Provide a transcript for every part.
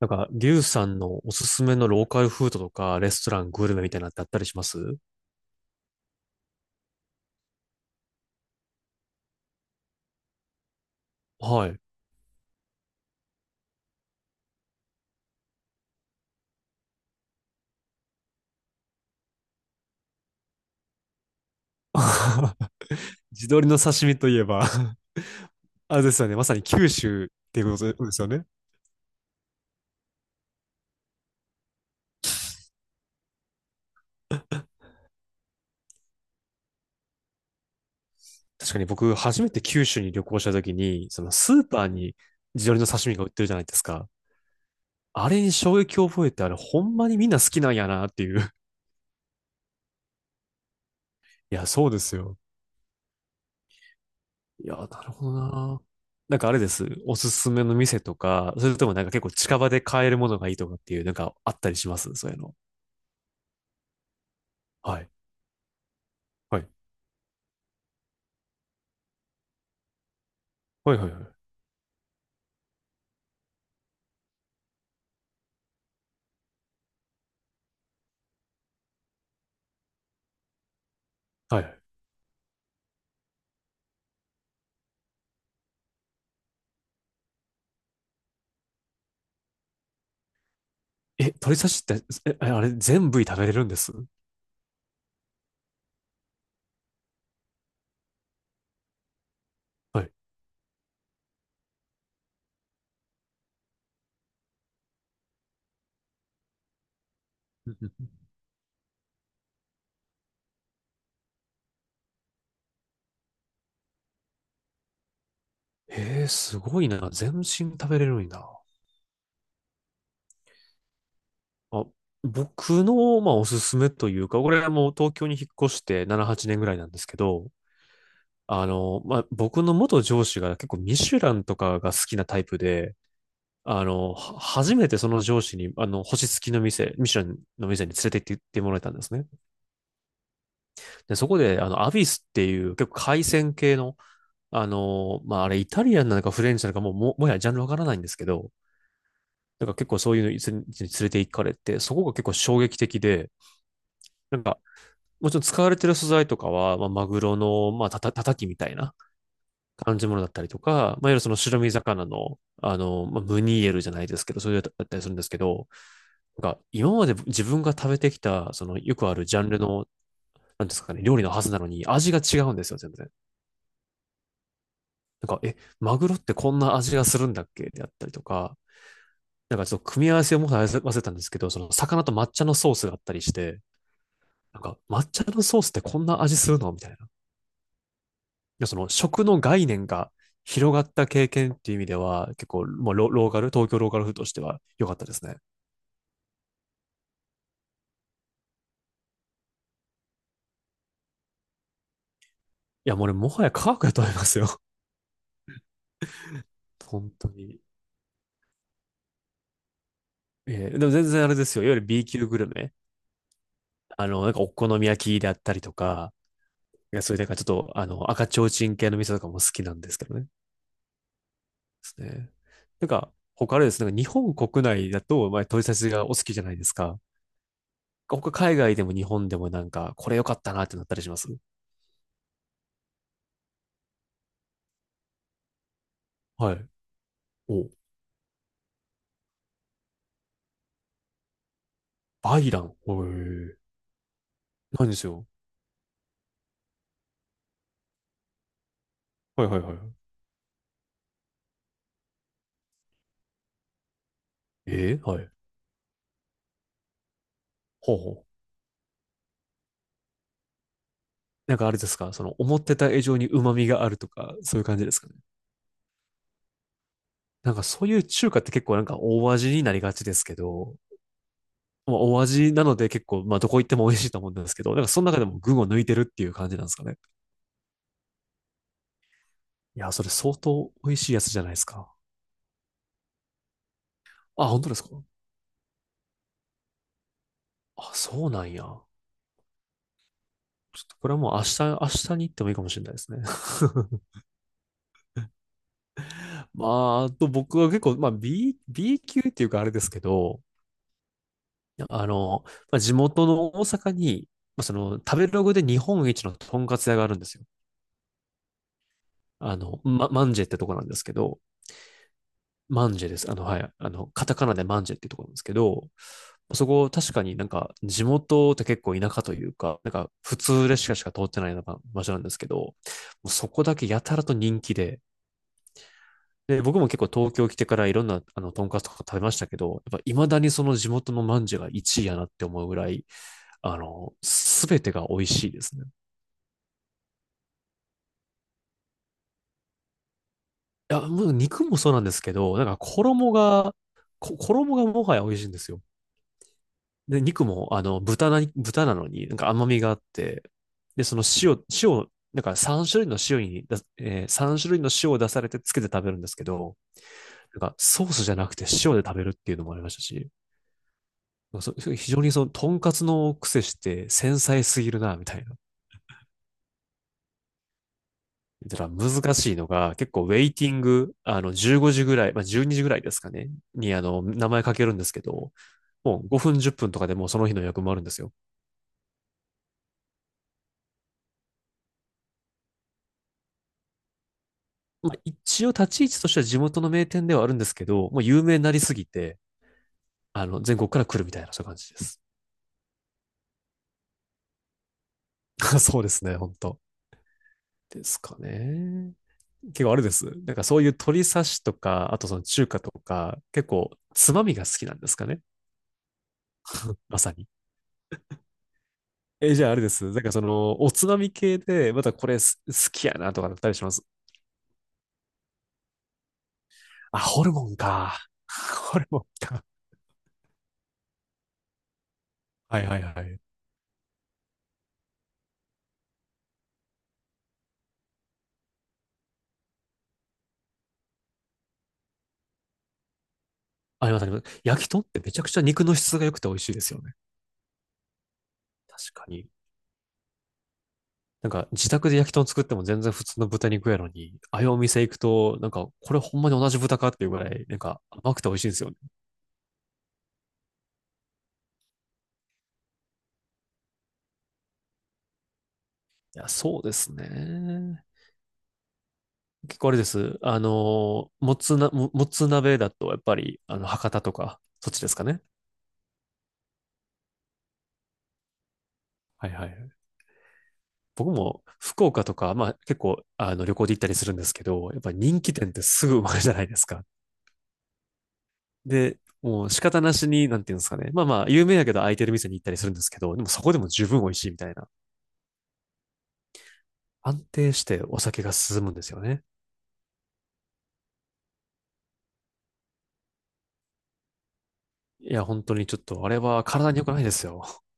なんか、リュウさんのおすすめのローカルフードとか、レストラン、グルメみたいなのってあったりします？はい。地鶏の刺身といえば あれですよね。まさに九州っていうことですよね。確かに僕、初めて九州に旅行した時に、そのスーパーに地鶏の刺身が売ってるじゃないですか。あれに衝撃を覚えて、あれ、ほんまにみんな好きなんやなっていう。いや、そうですよ。いや、なるほどな。なんかあれです。おすすめの店とか、それともなんか結構近場で買えるものがいいとかっていう、なんかあったりします、そういうの？はい。はい。はいはいはい。はい。え、鳥刺しって、え、あれ、全部食べれるんです？はい。うんうん。へえ、すごいな。全身食べれるんだ。あ、僕の、まあ、おすすめというか、これはもう東京に引っ越して7、8年ぐらいなんですけど、あの、まあ、僕の元上司が結構ミシュランとかが好きなタイプで、あの、初めてその上司に、あの、星付きの店、ミシュランの店に連れて行ってもらえたんですね。で、そこで、あの、アビスっていう結構海鮮系の、あの、まあ、あれ、イタリアンなのかフレンチなのかもう、はやジャンルわからないんですけど、なんから結構そういうのに連れて行かれて、そこが結構衝撃的で、なんか、もちろん使われてる素材とかは、まあ、マグロの、まあ、たたきみたいな感じものだったりとか、まあ、いわゆるその白身魚の、あの、まあ、ムニエルじゃないですけど、そういうのだったりするんですけど、なんか、今まで自分が食べてきた、その、よくあるジャンルの、なんですかね、料理のはずなのに、味が違うんですよ、全然。なんか、え、マグロってこんな味がするんだっけであったりとか、なんかちょっと組み合わせをもう忘れたんですけど、その魚と抹茶のソースがあったりして、なんか抹茶のソースってこんな味するのみたいな。いや、その食の概念が広がった経験っていう意味では、結構、もうロローカル、東京ローカル風としては良かったですね。いや、もうね、もはや科学だと思いますよ。本当に。でも全然あれですよ。いわゆる B 級グルメ。あの、なんかお好み焼きであったりとか、いやそれでなんかちょっと、あの、赤ちょうちん系の店とかも好きなんですけどね。ですね。なんか、他あれですね、なんか日本国内だと、まあ、取り差しがお好きじゃないですか。他海外でも日本でもなんか、これ良かったなってなったりします？はい。お、バイラン。おえ。何ですよ。はいはいはい。えー、はい。ほうほう。なんかあれですか、その思ってた以上に旨味があるとか、そういう感じですかね。なんかそういう中華って結構なんか大味になりがちですけど、まあ、大味なので結構、まあどこ行っても美味しいと思うんですけど、なんかその中でも群を抜いてるっていう感じなんですかね。いや、それ相当美味しいやつじゃないですか。あ、本当ですか？あ、そうなんや。ちょっとこれはもう明日、明日に行ってもいいかもしれないですね。まあ、あと僕は結構、まあ B 級っていうかあれですけど、あの、まあ、地元の大阪に、まあ、その食べログで日本一のとんかつ屋があるんですよ。あの、マンジェってとこなんですけど、マンジェです。あの、はい。あの、カタカナでマンジェっていうところなんですけど、そこ確かになんか地元って結構田舎というか、なんか普通列車しか通ってないような場所なんですけど、もうそこだけやたらと人気で、で、僕も結構東京来てからいろんなあの、トンカツとか食べましたけど、やっぱ未だにその地元のまんじゅうが1位やなって思うぐらい、あの、すべてが美味しいですね。いや、もう肉もそうなんですけど、なんか衣が、衣がもはや美味しいんですよ。で、肉も、あの、豚なのに、なんか甘みがあって、で、その塩、塩、なんか3種類の塩にだ、3種類の塩を出されてつけて食べるんですけど、なんかソースじゃなくて塩で食べるっていうのもありましたし、なんか非常にその、とんかつの癖して繊細すぎるな、みたいな。だから難しいのが、結構ウェイティング、あの、15時ぐらい、まあ、12時ぐらいですかね、に、あの、名前かけるんですけど、もう5分、10分とかでもうその日の予約もあるんですよ。まあ、一応立ち位置としては地元の名店ではあるんですけど、もう有名になりすぎて、あの、全国から来るみたいな、そういう感じです。そうですね、本当ですかね。結構あれです。なんかそういう鶏刺しとか、あとその中華とか、結構つまみが好きなんですかね。まさに。え、じゃああれです。なんかその、おつまみ系で、またこれ好きやなとかだったりします？あ、ホルモンか。ホルモンか。はいはいはい。ありますあります。焼き豚ってめちゃくちゃ肉の質が良くて美味しいですよね。確かに。なんか自宅で焼き豚作っても全然普通の豚肉やのに、ああいうお店行くと、なんかこれほんまに同じ豚かっていうぐらい、なんか甘くて美味しいんですよね。いや、そうですね。結構あれです。あの、もつ鍋だとやっぱり、あの、博多とか、そっちですかね。はいはいはい。僕も福岡とか、まあ結構あの旅行で行ったりするんですけど、やっぱり人気店ってすぐ埋まるじゃないですか。で、もう仕方なしに、なんていうんですかね。まあまあ、有名やけど空いてる店に行ったりするんですけど、でもそこでも十分美味しいみたいな。安定してお酒が進むんですよね。いや、本当にちょっと、あれは体に良くないですよ。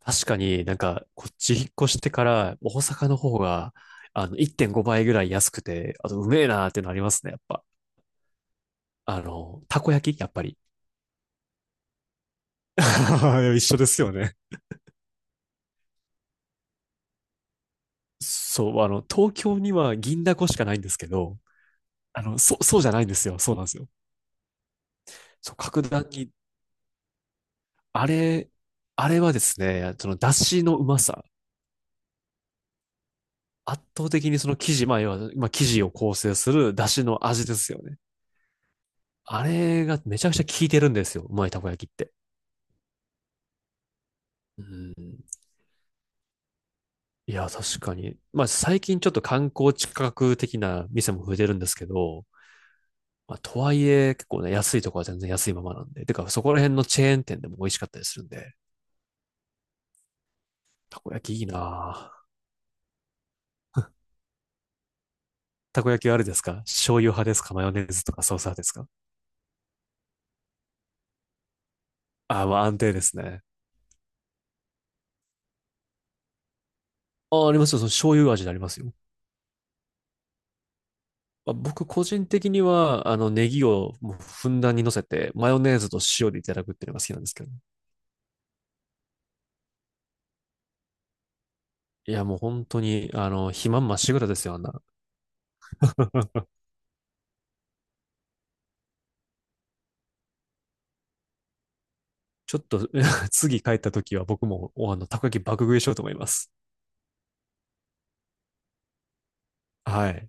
確かになんか、こっち引っ越してから、大阪の方が、あの、1.5倍ぐらい安くて、あと、うめえなーっていうのありますね、やっぱ。あの、たこ焼きやっぱり。一緒ですよね。そう、あの、東京には銀だこしかないんですけど、あの、そう、そうじゃないんですよ。そうなんですよ。そう、格段に、あれ、あれはですね、その、出汁のうまさ。圧倒的にその生地、まあ、要は、まあ、生地を構成する出汁の味ですよね。あれがめちゃくちゃ効いてるんですよ。うまいたこ焼きって。うん。いや、確かに。まあ、最近ちょっと観光地価格的な店も増えてるんですけど、まあ、とはいえ、結構ね、安いとこは全然安いままなんで。てか、そこら辺のチェーン店でも美味しかったりするんで、たこ焼きいいなぁ。たこ焼きはあれですか？醤油派ですか？マヨネーズとかソース派ですか？ああ、まあ安定ですね。ああ、ありますよ。その醤油味でありますよ。まあ、僕個人的には、あの、ネギをもうふんだんに乗せて、マヨネーズと塩でいただくっていうのが好きなんですけど。いや、もう本当に、あの、肥満まっしぐらですよ、あんな。ちょっと、次帰った時は僕も、あの、たこ焼き爆食いしようと思います。はい。